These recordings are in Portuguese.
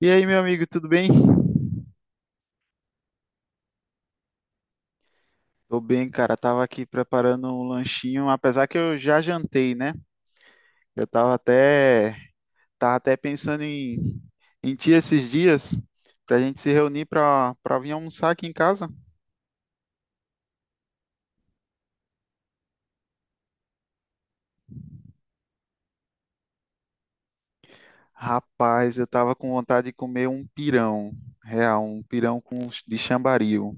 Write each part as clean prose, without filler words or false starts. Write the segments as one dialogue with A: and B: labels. A: E aí, meu amigo, tudo bem? Tô bem, cara. Tava aqui preparando um lanchinho, apesar que eu já jantei, né? Eu tava até pensando em ti esses dias pra gente se reunir pra vir almoçar aqui em casa. Rapaz, eu tava com vontade de comer um pirão, real, um pirão de chambaril.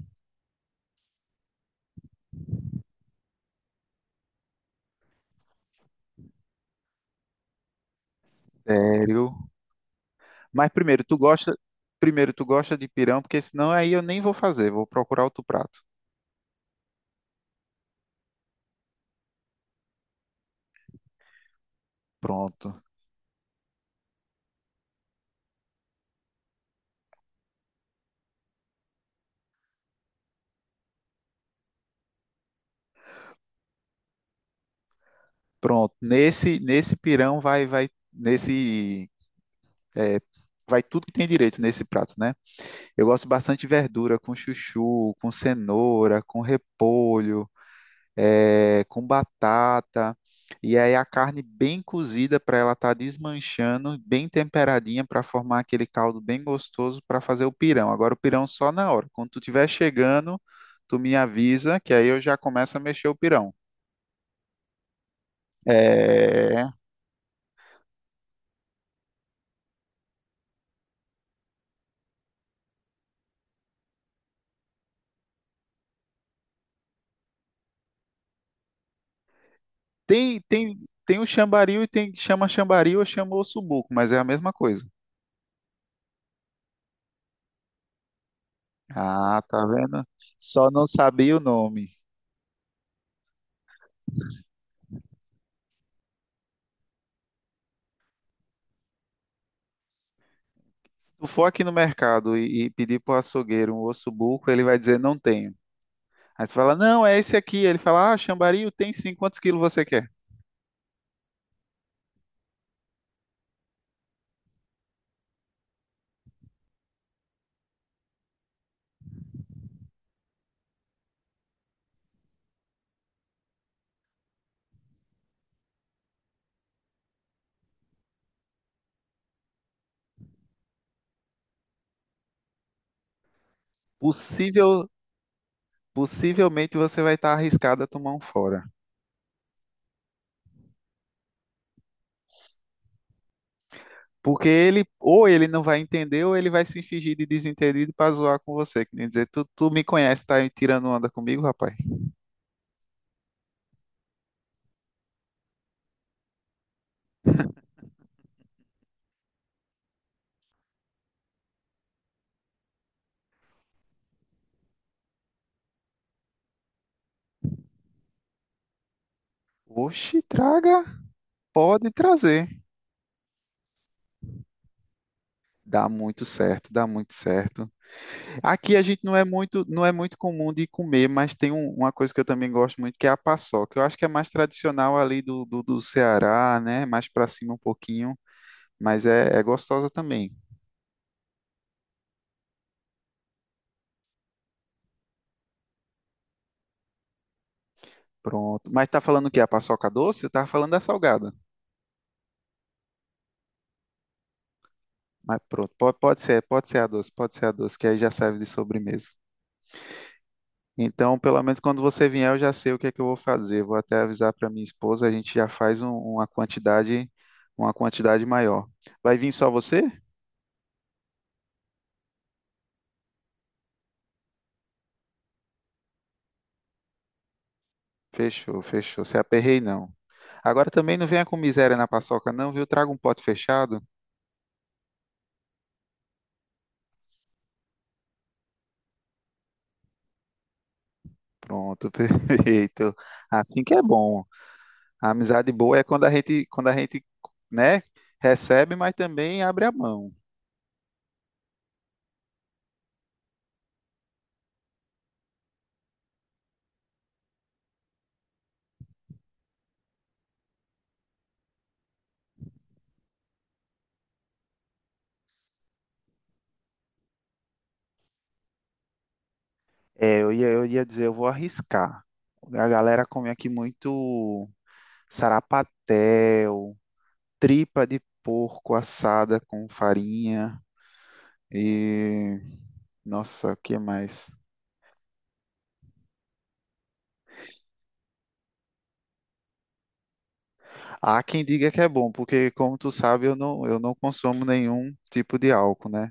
A: Sério? Mas primeiro, tu gosta de pirão, porque senão aí eu nem vou fazer, vou procurar outro prato. Pronto. Pronto, nesse pirão é, vai tudo que tem direito nesse prato, né? Eu gosto bastante de verdura com chuchu, com cenoura, com repolho, é, com batata. E aí a carne bem cozida para ela estar desmanchando, bem temperadinha para formar aquele caldo bem gostoso para fazer o pirão. Agora o pirão só na hora. Quando tu estiver chegando, tu me avisa que aí eu já começo a mexer o pirão. É. Tem, tem, Tem o chambaril e tem chama chambaril ou chama ossobuco, mas é a mesma coisa. Ah, tá vendo? Só não sabia o nome. Se tu for aqui no mercado e pedir pro açougueiro um ossobuco, ele vai dizer não tenho. Aí você fala, não, é esse aqui. Ele fala, ah, chambaril tem sim, quantos quilos você quer? Possível, possivelmente você vai estar arriscado a tomar um fora. Porque ele, ou ele não vai entender, ou ele vai se fingir de desentendido para zoar com você. Que nem dizer, tu me conhece, tá tirando onda comigo, rapaz? Oxe, traga. Pode trazer. Dá muito certo, dá muito certo. Aqui a gente não é muito, não é muito comum de comer, mas tem um- uma coisa que eu também gosto muito, que é a paçoca. Eu acho que é mais tradicional ali do Ceará, né? Mais para cima um pouquinho, mas é, é gostosa também. Pronto. Mas tá falando o quê? A paçoca doce? Eu tava falando da salgada. Mas pronto, pode, pode ser a doce, que aí já serve de sobremesa. Então, pelo menos quando você vier, eu já sei o que é que eu vou fazer. Vou até avisar para minha esposa, a gente já faz um- uma quantidade maior. Vai vir só você? Fechou, fechou. Se aperrei, não. Agora também não venha com miséria na paçoca, não, viu? Traga um pote fechado. Pronto, perfeito. Assim que é bom. A amizade boa é quando a gente, né, recebe, mas também abre a mão. É, eu ia dizer, eu vou arriscar. A galera come aqui muito. Sarapatel, tripa de porco assada com farinha e nossa, o que mais? Há quem diga que é bom, porque como tu sabe, eu não consumo nenhum tipo de álcool, né?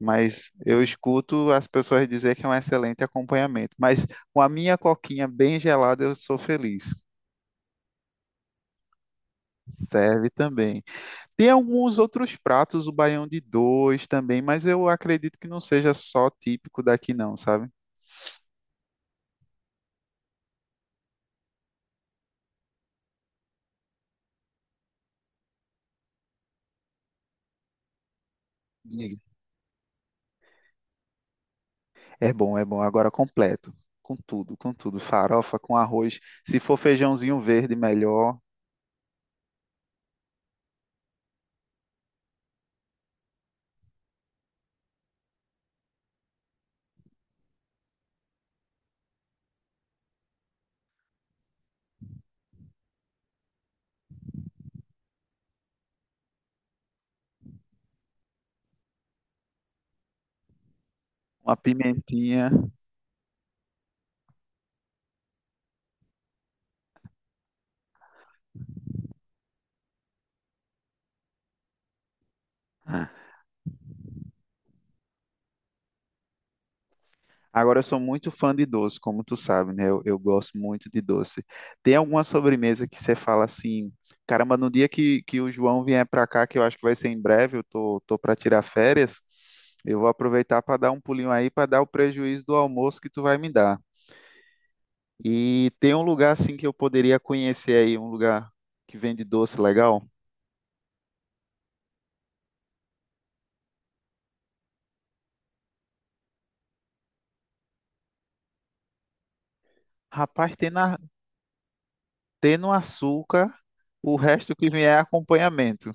A: Mas eu escuto as pessoas dizer que é um excelente acompanhamento. Mas com a minha coquinha bem gelada, eu sou feliz. Serve também. Tem alguns outros pratos, o baião de dois também, mas eu acredito que não seja só típico daqui, não, sabe? É bom, é bom. Agora completo. Com tudo, com tudo. Farofa, com arroz. Se for feijãozinho verde, melhor. Uma pimentinha. Agora eu sou muito fã de doce, como tu sabe, né? Eu gosto muito de doce. Tem alguma sobremesa que você fala assim, caramba, no dia que o João vier para cá, que eu acho que vai ser em breve, tô para tirar férias, eu vou aproveitar para dar um pulinho aí, para dar o prejuízo do almoço que tu vai me dar. E tem um lugar assim que eu poderia conhecer aí, um lugar que vende doce legal? Rapaz, tem, na, tem no açúcar o resto que vier é acompanhamento.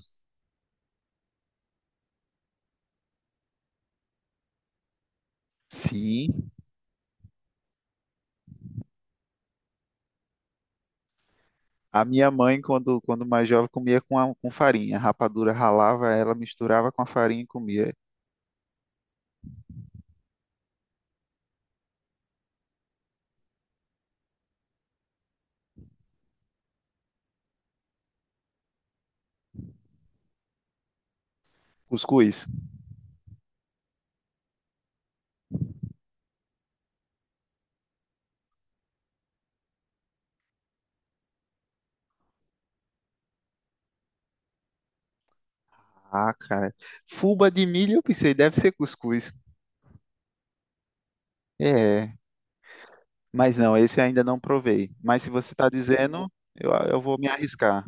A: Sim, a minha mãe, quando mais jovem, comia com, a- com farinha. Rapadura ralava ela, misturava com a farinha e comia cuscuz. Ah, cara. Fuba de milho, eu pensei, deve ser cuscuz. É, mas não, esse ainda não provei. Mas se você está dizendo, eu vou me arriscar.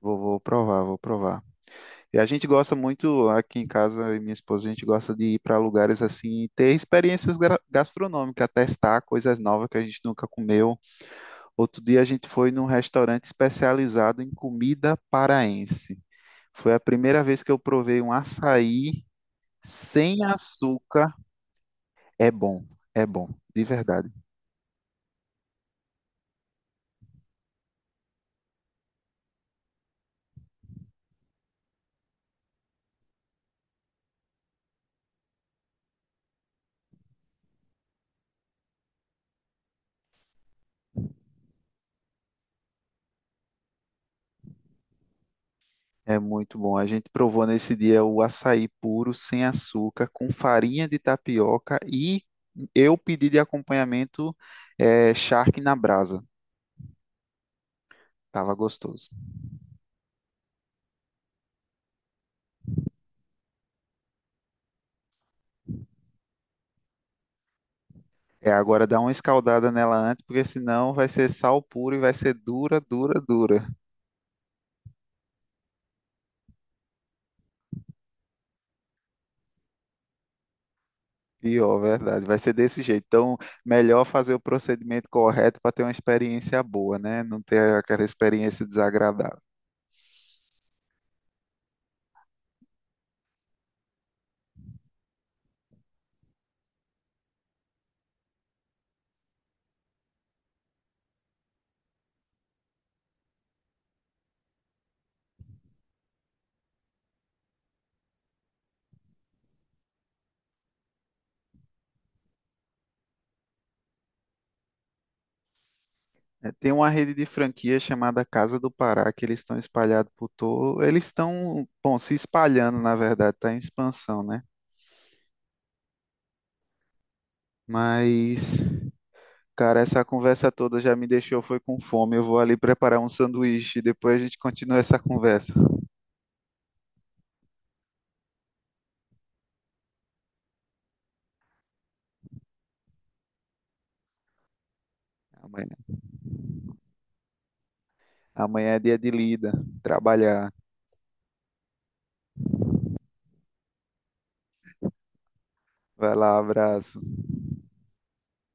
A: Vou, vou provar, vou provar. E a gente gosta muito, aqui em casa, eu e minha esposa, a gente gosta de ir para lugares assim, e ter experiências gra- gastronômicas, testar coisas novas que a gente nunca comeu. Outro dia a gente foi num restaurante especializado em comida paraense. Foi a primeira vez que eu provei um açaí sem açúcar. É bom, é bom, de verdade. É muito bom. A gente provou nesse dia o açaí puro, sem açúcar, com farinha de tapioca e eu pedi de acompanhamento charque na brasa. Tava gostoso. É, agora dá uma escaldada nela antes, porque senão vai ser sal puro e vai ser dura, dura, dura. Pior, verdade. Vai ser desse jeito. Então, melhor fazer o procedimento correto para ter uma experiência boa, né? Não ter aquela experiência desagradável. É, tem uma rede de franquia chamada Casa do Pará, que eles estão espalhados por todo. Eles estão, bom, se espalhando, na verdade, está em expansão, né? Mas, cara, essa conversa toda já me deixou, foi com fome. Eu vou ali preparar um sanduíche e depois a gente continua essa conversa. Amanhã, amanhã é dia de lida, trabalhar. Vai lá, abraço.